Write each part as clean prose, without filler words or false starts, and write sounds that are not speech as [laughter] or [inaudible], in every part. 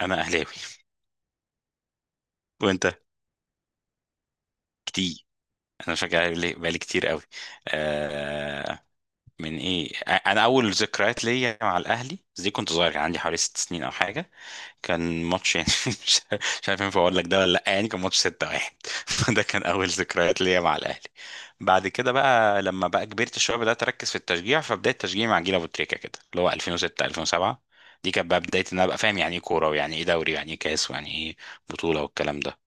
انا اهلاوي. وانت؟ كتير. انا بشجع الاهلي بقالي كتير قوي. آه من ايه انا اول ذكريات ليا مع الاهلي دي، كنت صغير، كان عندي حوالي 6 سنين او حاجه. كان ماتش، يعني [laughs] مش عارف ينفع اقول لك ده ولا لا، يعني كان ماتش 6-1 [laughs] فده كان اول ذكريات ليا مع الاهلي. بعد كده بقى لما بقى كبرت شويه بدات اركز في التشجيع، فبدايه تشجيعي مع جيل ابو تريكه كده، اللي هو 2006 2007. دي كانت بقى بدايه ان انا ابقى فاهم يعني ايه كوره، ويعني ايه دوري، ويعني ايه كاس، ويعني ايه بطوله والكلام ده.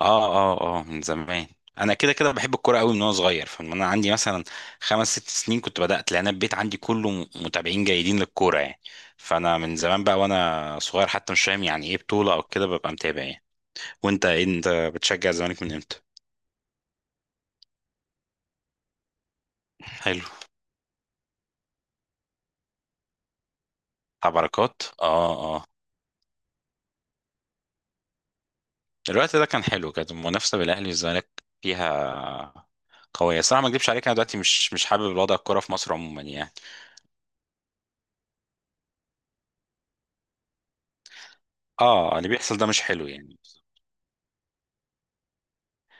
اه، اه، اه، من زمان. انا كده كده بحب الكوره قوي من وانا صغير، فمن انا عندي مثلا خمس ست سنين كنت بدات، لان البيت عندي كله متابعين جيدين للكوره يعني. فانا من زمان بقى وانا صغير حتى مش فاهم يعني ايه بطوله او كده ببقى متابع يعني. وانت إيه؟ انت بتشجع الزمالك من امتى؟ حلو. بتاع بركات، اه، اه. الوقت ده كان حلو، كانت المنافسه بين الاهلي والزمالك فيها قويه الصراحه، ما اكذبش عليك، انا دلوقتي مش حابب وضع الكوره في مصر عموما يعني. اه، اللي بيحصل ده مش حلو يعني.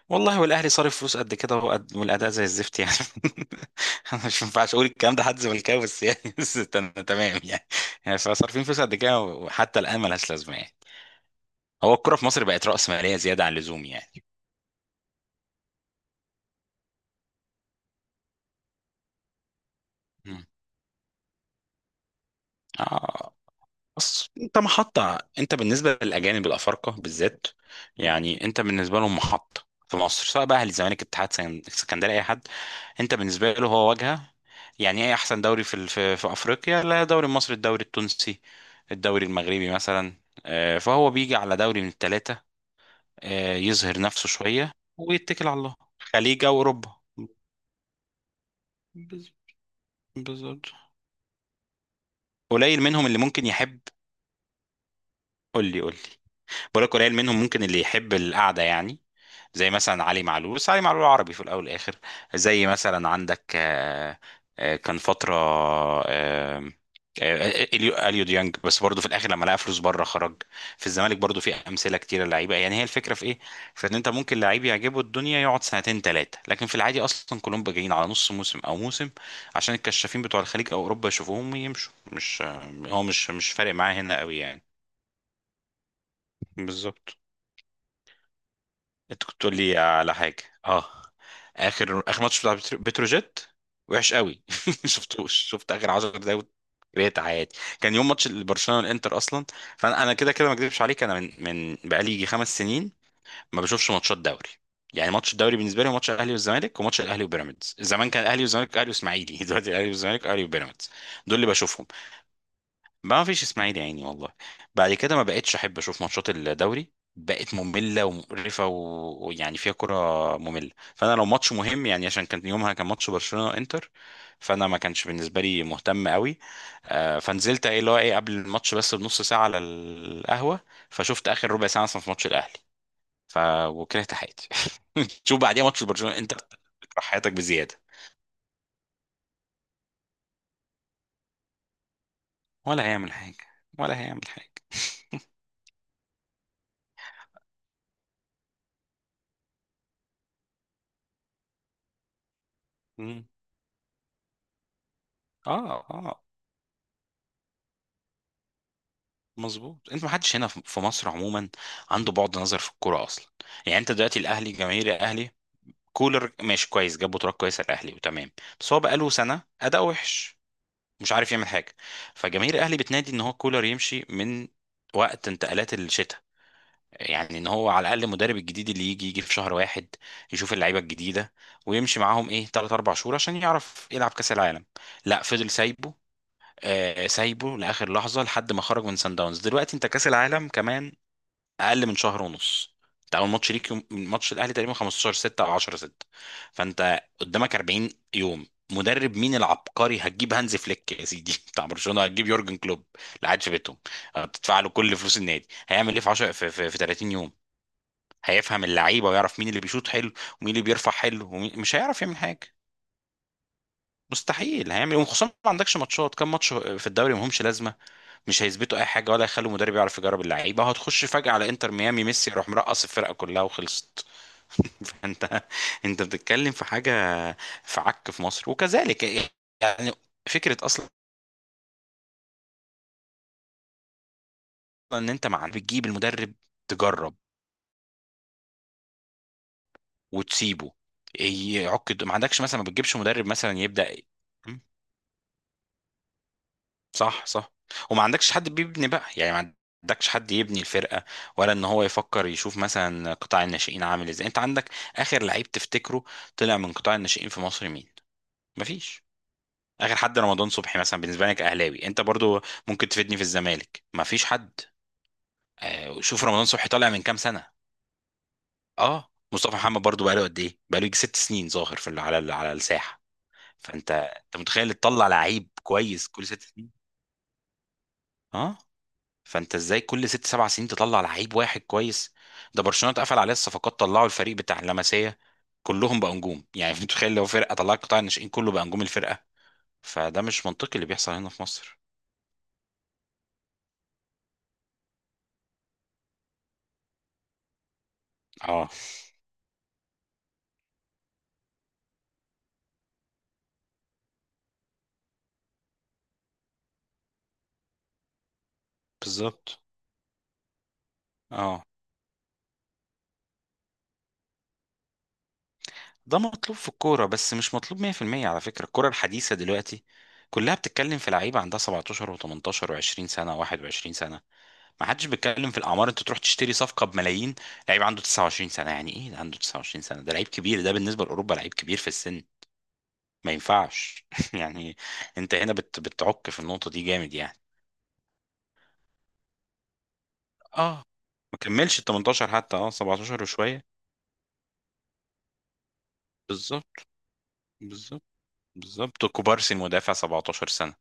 والله، والاهلي صارف فلوس قد كده والاداء زي الزفت يعني [laughs] انا مش ينفعش اقول الكلام ده حد زملكاوي بس يعني، [laughs] بس أنا تمام يعني. يعني فصارفين فلوس قد كده وحتى الان ملهاش لازمه يعني. هو الكره في مصر بقت راس ماليه زياده عن اللزوم يعني. مم. اه. بص، انت محطة، انت بالنسبة للأجانب الأفارقة بالذات، يعني انت بالنسبة لهم محطة في مصر، سواء بقى أهلي، الزمالك، اتحاد اسكندرية، أي حد، انت بالنسبة له هو واجهة. يعني ايه أحسن دوري في في أفريقيا؟ لا الدوري المصري، الدوري التونسي، الدوري المغربي مثلا. آه، فهو بيجي على دوري من الثلاثة، آه، يظهر نفسه شوية ويتكل على الله، خليج أو أوروبا. بز- بالظبط. قليل منهم اللي ممكن يحب. قول لي، قول لي. ولا قليل منهم ممكن اللي يحب القعدة يعني. زي مثلا علي معلول، بس علي معلول عربي في الأول والآخر. زي مثلا عندك كان فترة آه، اليو ديانج، بس برضه في الاخر لما لقى فلوس بره خرج. في الزمالك برضه في امثله كتيره لعيبه، يعني هي الفكره في ايه؟ في ان انت ممكن لعيب يعجبه الدنيا يقعد سنتين ثلاثه، لكن في العادي اصلا كلهم بقى جايين على نص موسم او موسم، عشان الكشافين بتوع الخليج او اوروبا يشوفوهم ويمشوا، مش هو مش فارق معاه هنا قوي يعني. بالظبط. انت كنت تقول لي على حاجه؟ اه. اخر ماتش بتاع بتروجيت وحش قوي [laughs] شفتوش؟ شفت اخر 10 دقايق، كرهت حياتي، كان يوم ماتش برشلونه والانتر اصلا. فانا كده كده، ما اكذبش عليك، انا من بقالي يجي خمس سنين ما بشوفش ماتشات دوري، يعني ماتش الدوري بالنسبه لي هو ماتش الاهلي والزمالك وماتش الاهلي وبيراميدز، زمان كان الاهلي والزمالك اهلي واسماعيلي [laughs] دلوقتي الاهلي والزمالك اهلي وبيراميدز، دول اللي بشوفهم. ما فيش اسماعيلي يا عيني والله. بعد كده ما بقتش احب اشوف ماتشات الدوري، بقت مملة ومقرفة ويعني فيها كرة مملة، فانا لو ماتش مهم، يعني عشان كان يومها كان ماتش برشلونة انتر، فانا ما كانش بالنسبة لي مهتم قوي. آه، فنزلت ايه اللي هو ايه قبل الماتش بس بنص ساعة على القهوة، فشفت اخر ربع ساعة مثلا في ماتش الاهلي، ف وكرهت حياتي. [laughs] شوف بعديها ماتش برشلونة انتر، تكره حياتك بزيادة. ولا هيعمل حاجة، ولا هيعمل حاجة. مم. اه، اه. مظبوط، انت ما حدش هنا في مصر عموما عنده بعد نظر في الكوره اصلا. يعني انت دلوقتي الاهلي، جماهير الاهلي، كولر ماشي كويس، جاب بطولات كويسه الاهلي وتمام، بس هو بقاله سنه اداء وحش مش عارف يعمل حاجه، فجماهير الاهلي بتنادي ان هو كولر يمشي من وقت انتقالات الشتاء، يعني ان هو على الاقل المدرب الجديد اللي يجي في شهر واحد يشوف اللعيبه الجديده ويمشي معاهم ايه 3 4 شهور عشان يعرف يلعب كاس العالم، لا فضل سايبه. آه، سايبه لاخر لحظه لحد ما خرج من سان داونز، دلوقتي انت كاس العالم كمان اقل من شهر ونص، انت اول ماتش ليك يوم ماتش الاهلي تقريبا 15/6 او 10/6، فانت قدامك 40 يوم، مدرب مين العبقري هتجيب؟ هانز فليك يا سيدي؟ [laughs] بتاع برشلونه؟ هتجيب يورجن كلوب اللي قاعد في بيتهم، بتدفع له كل فلوس النادي؟ هيعمل ايه في 10 في 30 يوم؟ هيفهم اللعيبه ويعرف مين اللي بيشوط حلو ومين اللي بيرفع حلو ومين؟ مش هيعرف يعمل حاجه، مستحيل. هيعمل إيه؟ وخصوصا ما عندكش ماتشات، كام ماتش في الدوري ما همش لازمه، مش هيثبتوا اي حاجه ولا هيخلوا المدرب يعرف يجرب اللعيبه، هتخش فجاه على انتر ميامي، ميسي يروح مرقص الفرقه كلها وخلصت. [laughs] فانت بتتكلم في حاجه في عك في مصر وكذلك، يعني فكره اصلا ان انت مع بتجيب المدرب تجرب وتسيبه، يعك ما عندكش مثلا، ما بتجيبش مدرب مثلا يبدا. صح، صح. وما عندكش حد بيبني بقى، يعني ما عندكش حد يبني الفرقة، ولا ان هو يفكر يشوف مثلا قطاع الناشئين عامل ازاي، انت عندك اخر لعيب تفتكره طلع من قطاع الناشئين في مصر مين؟ مفيش. اخر حد رمضان صبحي مثلا بالنسبة لك، اهلاوي انت برضو، ممكن تفيدني في الزمالك مفيش حد. آه، شوف، رمضان صبحي طالع من كام سنة؟ اه، مصطفى محمد برضو بقاله قد ايه؟ بقاله يجي ست سنين ظاهر على الساحة. فانت متخيل تطلع لعيب كويس كل 6 سنين؟ اه. فانت ازاي كل ست سبع سنين تطلع لعيب واحد كويس؟ ده برشلونه اتقفل عليه الصفقات طلعوا الفريق بتاع اللمسيه، كلهم بقى نجوم يعني [laughs] متخيل لو فرقه طلعت قطاع الناشئين كله بقى نجوم الفرقه، فده مش منطقي اللي بيحصل هنا في مصر. اه، بالظبط، اه. ده مطلوب في الكوره، بس مش مطلوب 100% على فكره، الكوره الحديثه دلوقتي كلها بتتكلم في لعيبه عندها 17 و18 و20 سنه و21 سنه، ما حدش بيتكلم في الاعمار، انت تروح تشتري صفقه بملايين لعيب عنده 29 سنه، يعني ايه ده عنده 29 سنه؟ ده لعيب كبير، ده بالنسبه لاوروبا لعيب كبير في السن، ما ينفعش [laughs] يعني انت هنا بتعك في النقطه دي جامد يعني. اه ما كملش ال 18 حتى، اه، 17 وشويه، بالظبط، بالظبط، بالظبط، كوبارسي المدافع 17 سنه،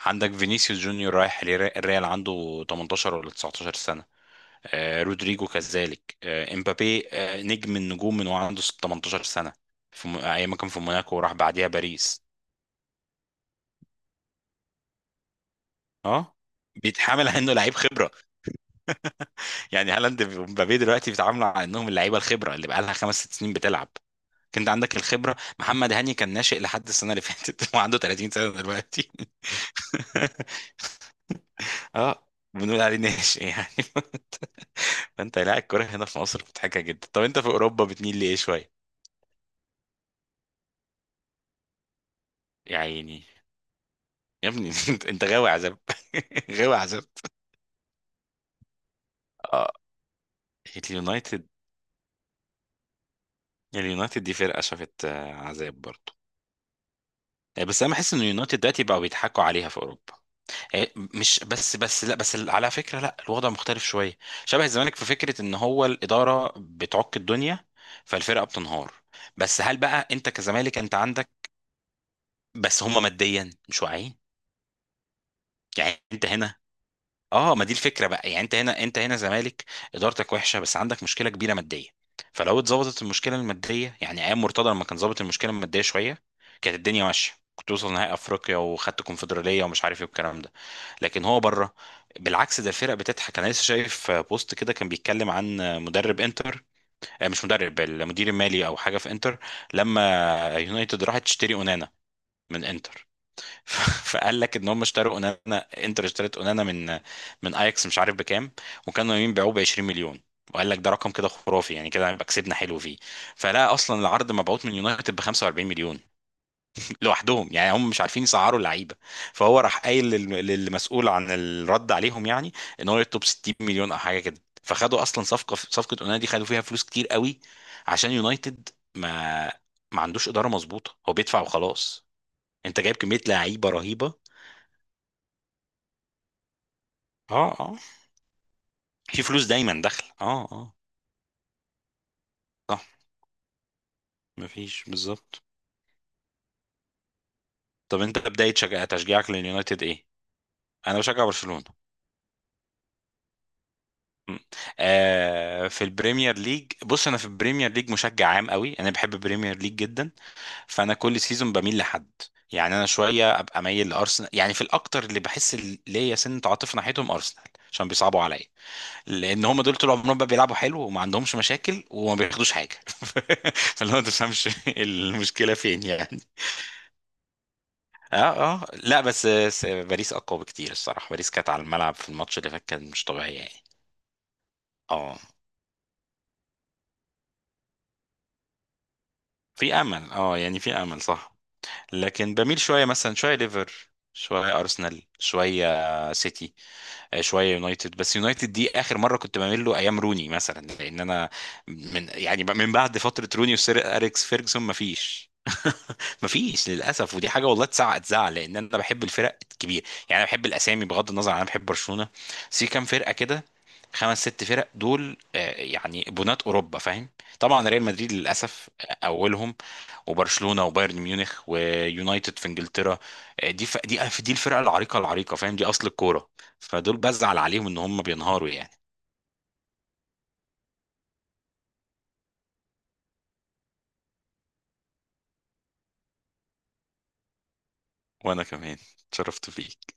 عندك فينيسيوس جونيور رايح الريال، عنده 18 ولا 19 سنه، آه، رودريجو كذلك، آه، امبابي، آه، نجم النجوم من وهو عنده 18 سنة، في ايام ما كان في موناكو وراح بعديها باريس. اه، بيتحامل على انه لعيب خبرة، يعني هالاند ومبابي دلوقتي بيتعاملوا على انهم اللعيبة الخبرة اللي بقالها خمس ست سنين بتلعب، كنت عندك الخبرة محمد هاني كان ناشئ لحد السنة اللي فاتت [laughs] وعنده 30 سنة دلوقتي. [laughs] اه، بنقول عليه ناشئ يعني. [laughs] فانت، لا، الكوره هنا في مصر مضحكه جدا. طب انت في اوروبا بتميل لايه شويه؟ يا عيني. يا ابني [laughs] انت غاوي عذاب، [laughs] غاوي عذاب. اه، اليونايتد، اليونايتد دي فرقة شافت، آه، عذاب برضه، آه، بس انا بحس ان اليونايتد دلوقتي بقوا بيضحكوا عليها في اوروبا. آه، مش بس لا، بس على فكرة لا الوضع مختلف شوية، شبه الزمالك في فكرة ان هو الإدارة بتعك الدنيا فالفرقة بتنهار، بس هل بقى انت كزمالك انت عندك، بس هم ماديا مش واعيين، يعني انت هنا، اه، ما دي الفكره بقى، يعني انت هنا زمالك، ادارتك وحشه بس عندك مشكله كبيره ماديه، فلو اتظبطت المشكله الماديه، يعني ايام مرتضى لما كان ظابط المشكله الماديه شويه كانت الدنيا ماشيه، كنت توصل نهائي افريقيا وخدت كونفدراليه ومش عارف ايه والكلام ده، لكن هو بره بالعكس ده الفرق بتضحك. انا لسه شايف بوست كده كان بيتكلم عن مدرب انتر، آه، مش مدرب، المدير المالي او حاجه في انتر، لما يونايتد راحت تشتري اونانا من انتر، [laughs] فقال لك ان هم اشتروا اونانا، انتر اشترت اونانا من اياكس مش عارف بكام، وكانوا يمين بيعوه ب 20 مليون، وقال لك ده رقم كده خرافي يعني كده هيبقى كسبنا حلو فيه، فلا اصلا العرض مبعوت من يونايتد ب 45 مليون [laughs] لوحدهم، يعني هم مش عارفين يسعروا اللعيبه، فهو راح قايل للمسؤول عن الرد عليهم، يعني ان هو يطلب 60 مليون او حاجه كده، فخدوا اصلا صفقه اونانا دي خدوا فيها فلوس كتير قوي عشان يونايتد ما ما عندوش اداره مظبوطه، هو بيدفع وخلاص، انت جايب كميه لعيبه رهيبه. اه، اه، في فلوس دايما داخله، اه، اه. صح. مفيش، بالظبط. طب انت بداية تشجيعك لليونايتد ايه؟ انا بشجع برشلونة. م. آه، في البريمير ليج، بص انا في البريمير ليج مشجع عام قوي، انا بحب البريمير ليج جدا، فانا كل سيزون بميل لحد، يعني انا شويه ابقى مايل لارسنال، يعني في الاكتر اللي بحس ليا سنه عاطفه ناحيتهم ارسنال، عشان بيصعبوا عليا، لان هم دول طول عمرهم بقى بيلعبوا حلو وما عندهمش مشاكل وما بياخدوش حاجه [laughs] فاللي هو ما تفهمش [laughs] المشكله فين يعني. اه، اه، لا، بس باريس اقوى بكتير الصراحه، باريس كانت على الملعب في الماتش اللي فات كان مش طبيعيه يعني. اه، في امل، اه يعني في امل، صح. لكن بميل شويه مثلا شويه ليفر، شويه ارسنال، شويه سيتي، آه، شويه يونايتد، بس يونايتد دي اخر مره كنت بعمل له ايام روني مثلا، لان انا من يعني من بعد فتره روني وسير اريكس فيرجسون مفيش [laughs] مفيش للاسف، ودي حاجه والله تزعق تزعل لان انا بحب الفرق الكبيره، يعني انا بحب الاسامي، بغض النظر عن انا بحب برشلونه، بس في كام فرقه كده، خمس ست فرق دول، آه، يعني بنات اوروبا فاهم، طبعا ريال مدريد للاسف، آه، اولهم، وبرشلونه وبايرن ميونخ ويونايتد في انجلترا، آه، دي دي الفرقه العريقه العريقه، فاهم، دي اصل الكوره، فدول بزعل عليهم ان هم بينهاروا يعني. وانا كمان اتشرفت بيك.